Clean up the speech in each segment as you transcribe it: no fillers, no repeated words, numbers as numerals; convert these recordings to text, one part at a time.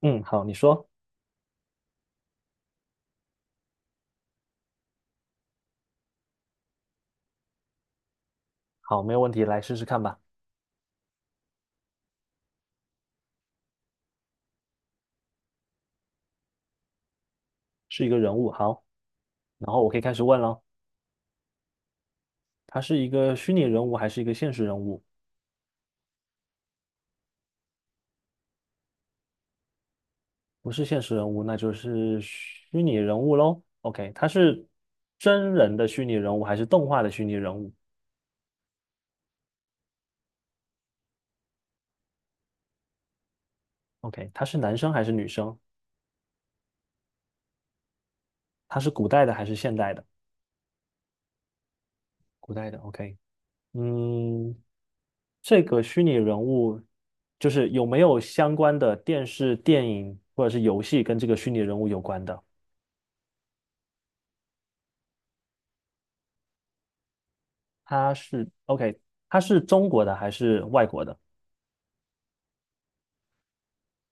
嗯，好，你说。好，没有问题，来试试看吧。是一个人物，好，然后我可以开始问了。他是一个虚拟人物还是一个现实人物？不是现实人物，那就是虚拟人物喽。OK，他是真人的虚拟人物还是动画的虚拟人物？OK，他是男生还是女生？他是古代的还是现代的？古代的，OK。嗯，这个虚拟人物就是有没有相关的电视、电影或者是游戏跟这个虚拟人物有关的？他是 OK,他是中国的还是外国的？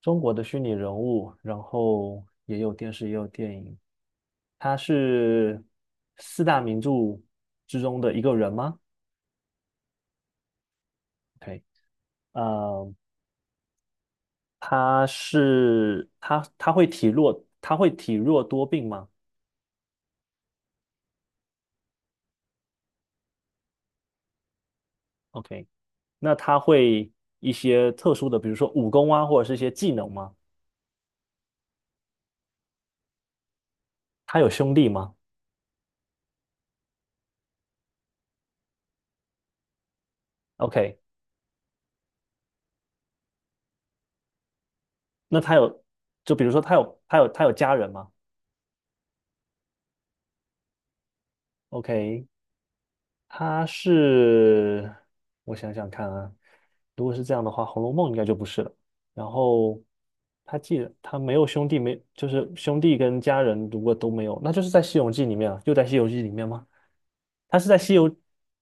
中国的虚拟人物，然后也有电视，也有电影。他是四大名著之中的一个人吗？OK,呃，他是他会体弱，他会体弱多病吗？OK，那他会一些特殊的，比如说武功啊，或者是一些技能吗？他有兄弟吗？OK，那他有，就比如说他有家人吗？OK，他是，我想想看啊，如果是这样的话，《红楼梦》应该就不是了。然后他既然他没有兄弟，没就是兄弟跟家人如果都没有，那就是在《西游记》里面啊，又在《西游记》里面吗？他是在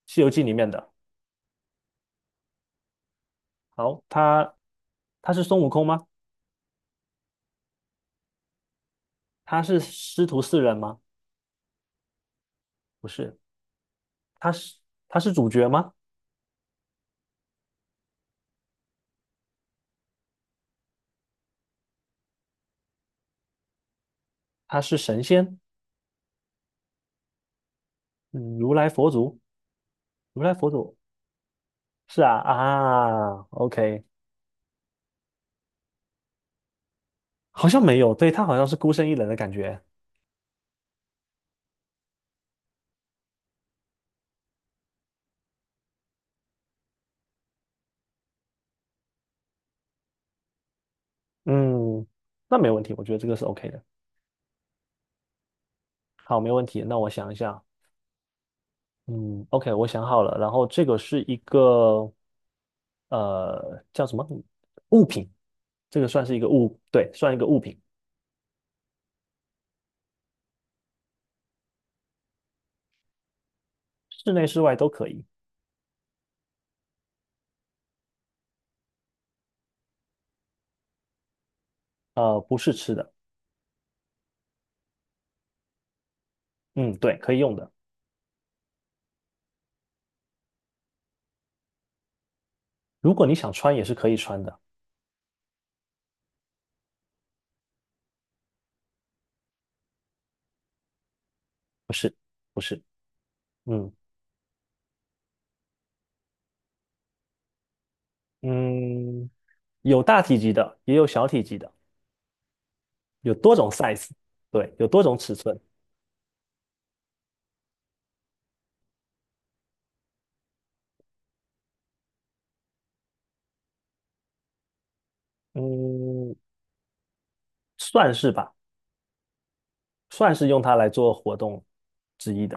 西游记》里面的。好，他他是孙悟空吗？他是师徒四人吗？不是，他是他是主角吗？他是神仙，嗯如来佛祖，如来佛祖是啊，OK。好像没有，对，他好像是孤身一人的感觉。嗯，那没问题，我觉得这个是 OK 的。好，没问题。那我想一下。嗯，OK,我想好了。然后这个是一个呃叫什么物品，这个算是一个物，对，算一个物品。室内室外都可以。不是吃的。嗯，对，可以用的。如果你想穿也是可以穿的。不是，不是。嗯嗯，有大体积的，也有小体积的，有多种 size,对，有多种尺寸。嗯，算是吧，算是用它来做活动之一的。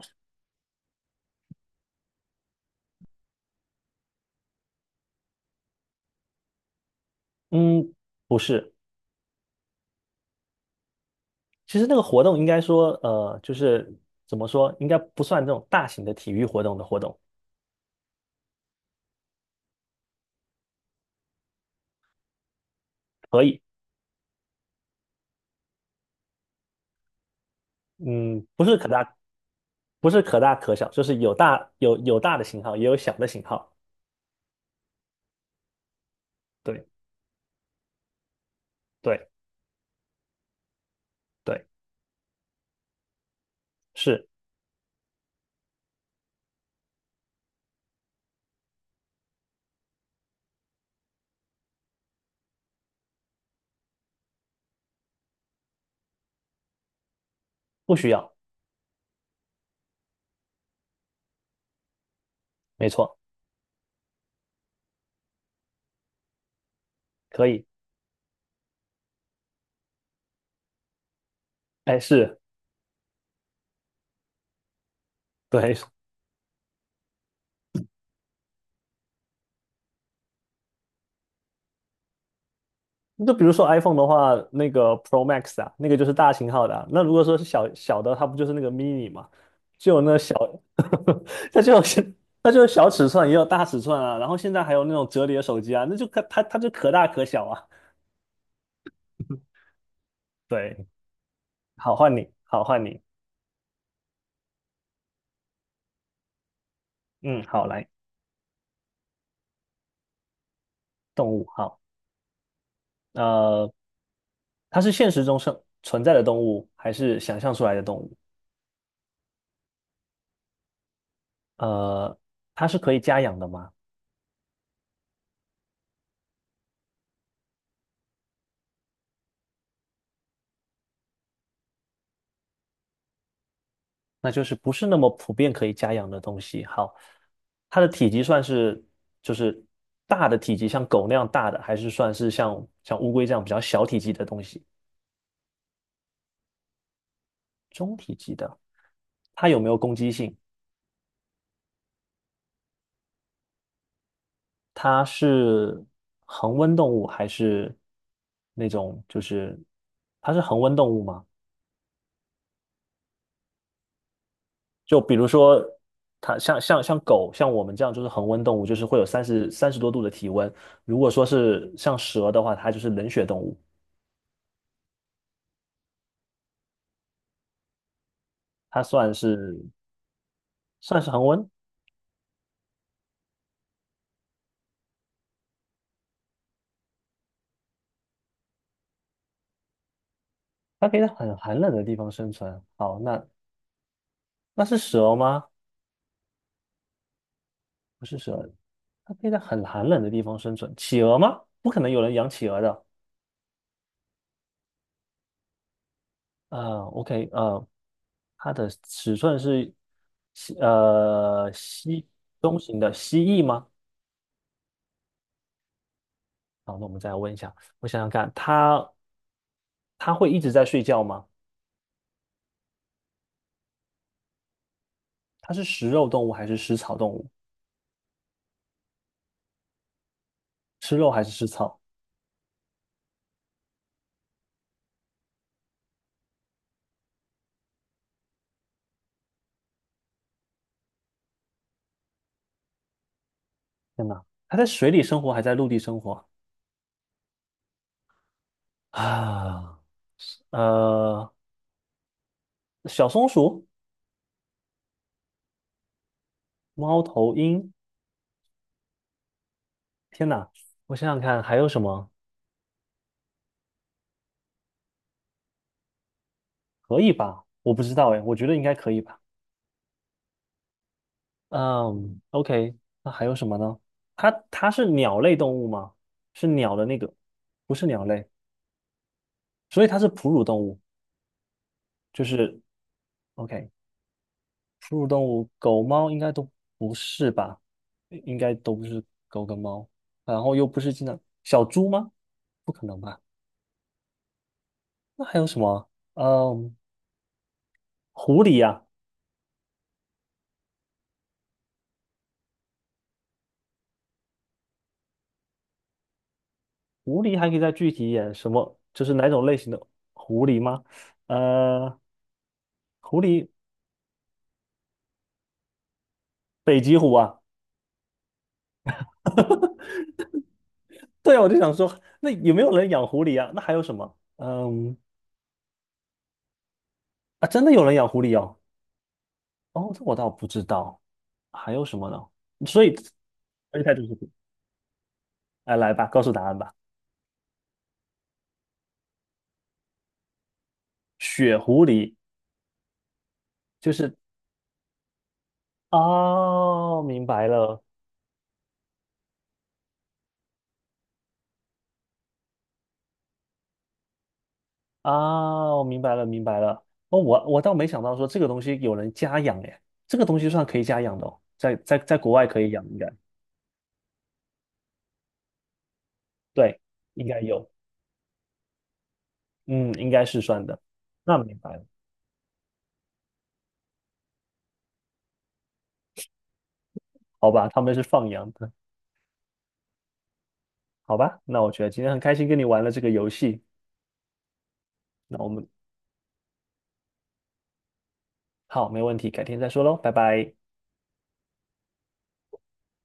嗯，不是。其实那个活动应该说，就是怎么说，应该不算这种大型的体育活动的活动。可以。嗯，不是可大可小，就是有大有大的型号，也有小的型号。对对对，是。不需要。没错。可以。哎，是。对，就比如说 iPhone 的话，那个 Pro Max 啊，那个就是大型号的啊。那如果说是小小的，它不就是那个 mini 嘛？就有那呵小，它就有小它就有小尺寸，也有大尺寸啊。然后现在还有那种折叠手机啊，那就可它它就可大可小啊。对，好换你，好换你。嗯，好来。动物好。呃，它是现实中生存在的动物还是想象出来的动物？呃，它是可以家养的吗？那就是不是那么普遍可以家养的东西。好，它的体积算是就是大的体积，像狗那样大的，还是算是像乌龟这样比较小体积的东西？它有没有攻击性？它是恒温动物还是那种就是它是恒温动物吗？就比如说它像狗像我们这样就是恒温动物，就是会有三十多度的体温。如果说是像蛇的话，它就是冷血动物。它算是。算是恒温，它可以在很寒冷的地方生存。好，那那是蛇吗？不是蛇，它可以在很寒冷的地方生存。企鹅吗？不可能有人养企鹅的。呃，OK，呃，它的尺寸是西呃西中型的蜥蜴吗？好，那我们再问一下。我想想看，它它会一直在睡觉吗？它是食肉动物还是食草动物？吃肉还是吃草？天哪，它在水里生活还在陆地生活啊？呃，小松鼠、猫头鹰。天哪！我想想看还有什么。可以吧？我不知道哎，我觉得应该可以吧。嗯，OK,那还有什么呢？它它是鸟类动物吗？是鸟的那个。不是鸟类。所以它是哺乳动物，就是 OK,哺乳动物，狗猫应该都不是吧？应该都不是狗跟猫，然后又不是经常。小猪吗？不可能吧？那还有什么啊？嗯，狐狸呀、狐狸还可以再具体一点，什么就是哪种类型的狐狸吗？呃，狐狸。北极狐啊。对，啊，我就想说，那有没有人养狐狸啊？那还有什么？嗯，啊，真的有人养狐狸哦。哦，这我倒不知道。还有什么呢？所以，而且太就是狐，哎，来吧，告诉答案吧。雪狐狸就是，哦，明白了。啊，我明白了，明白了。哦，我我倒没想到说这个东西有人家养哎，这个东西算可以家养的哦，在国外可以养，应该对，应该有。嗯，应该是算的。那明白了，好吧，他们是放羊的。好吧。那我觉得今天很开心跟你玩了这个游戏。那我们好，没问题，改天再说喽，拜拜。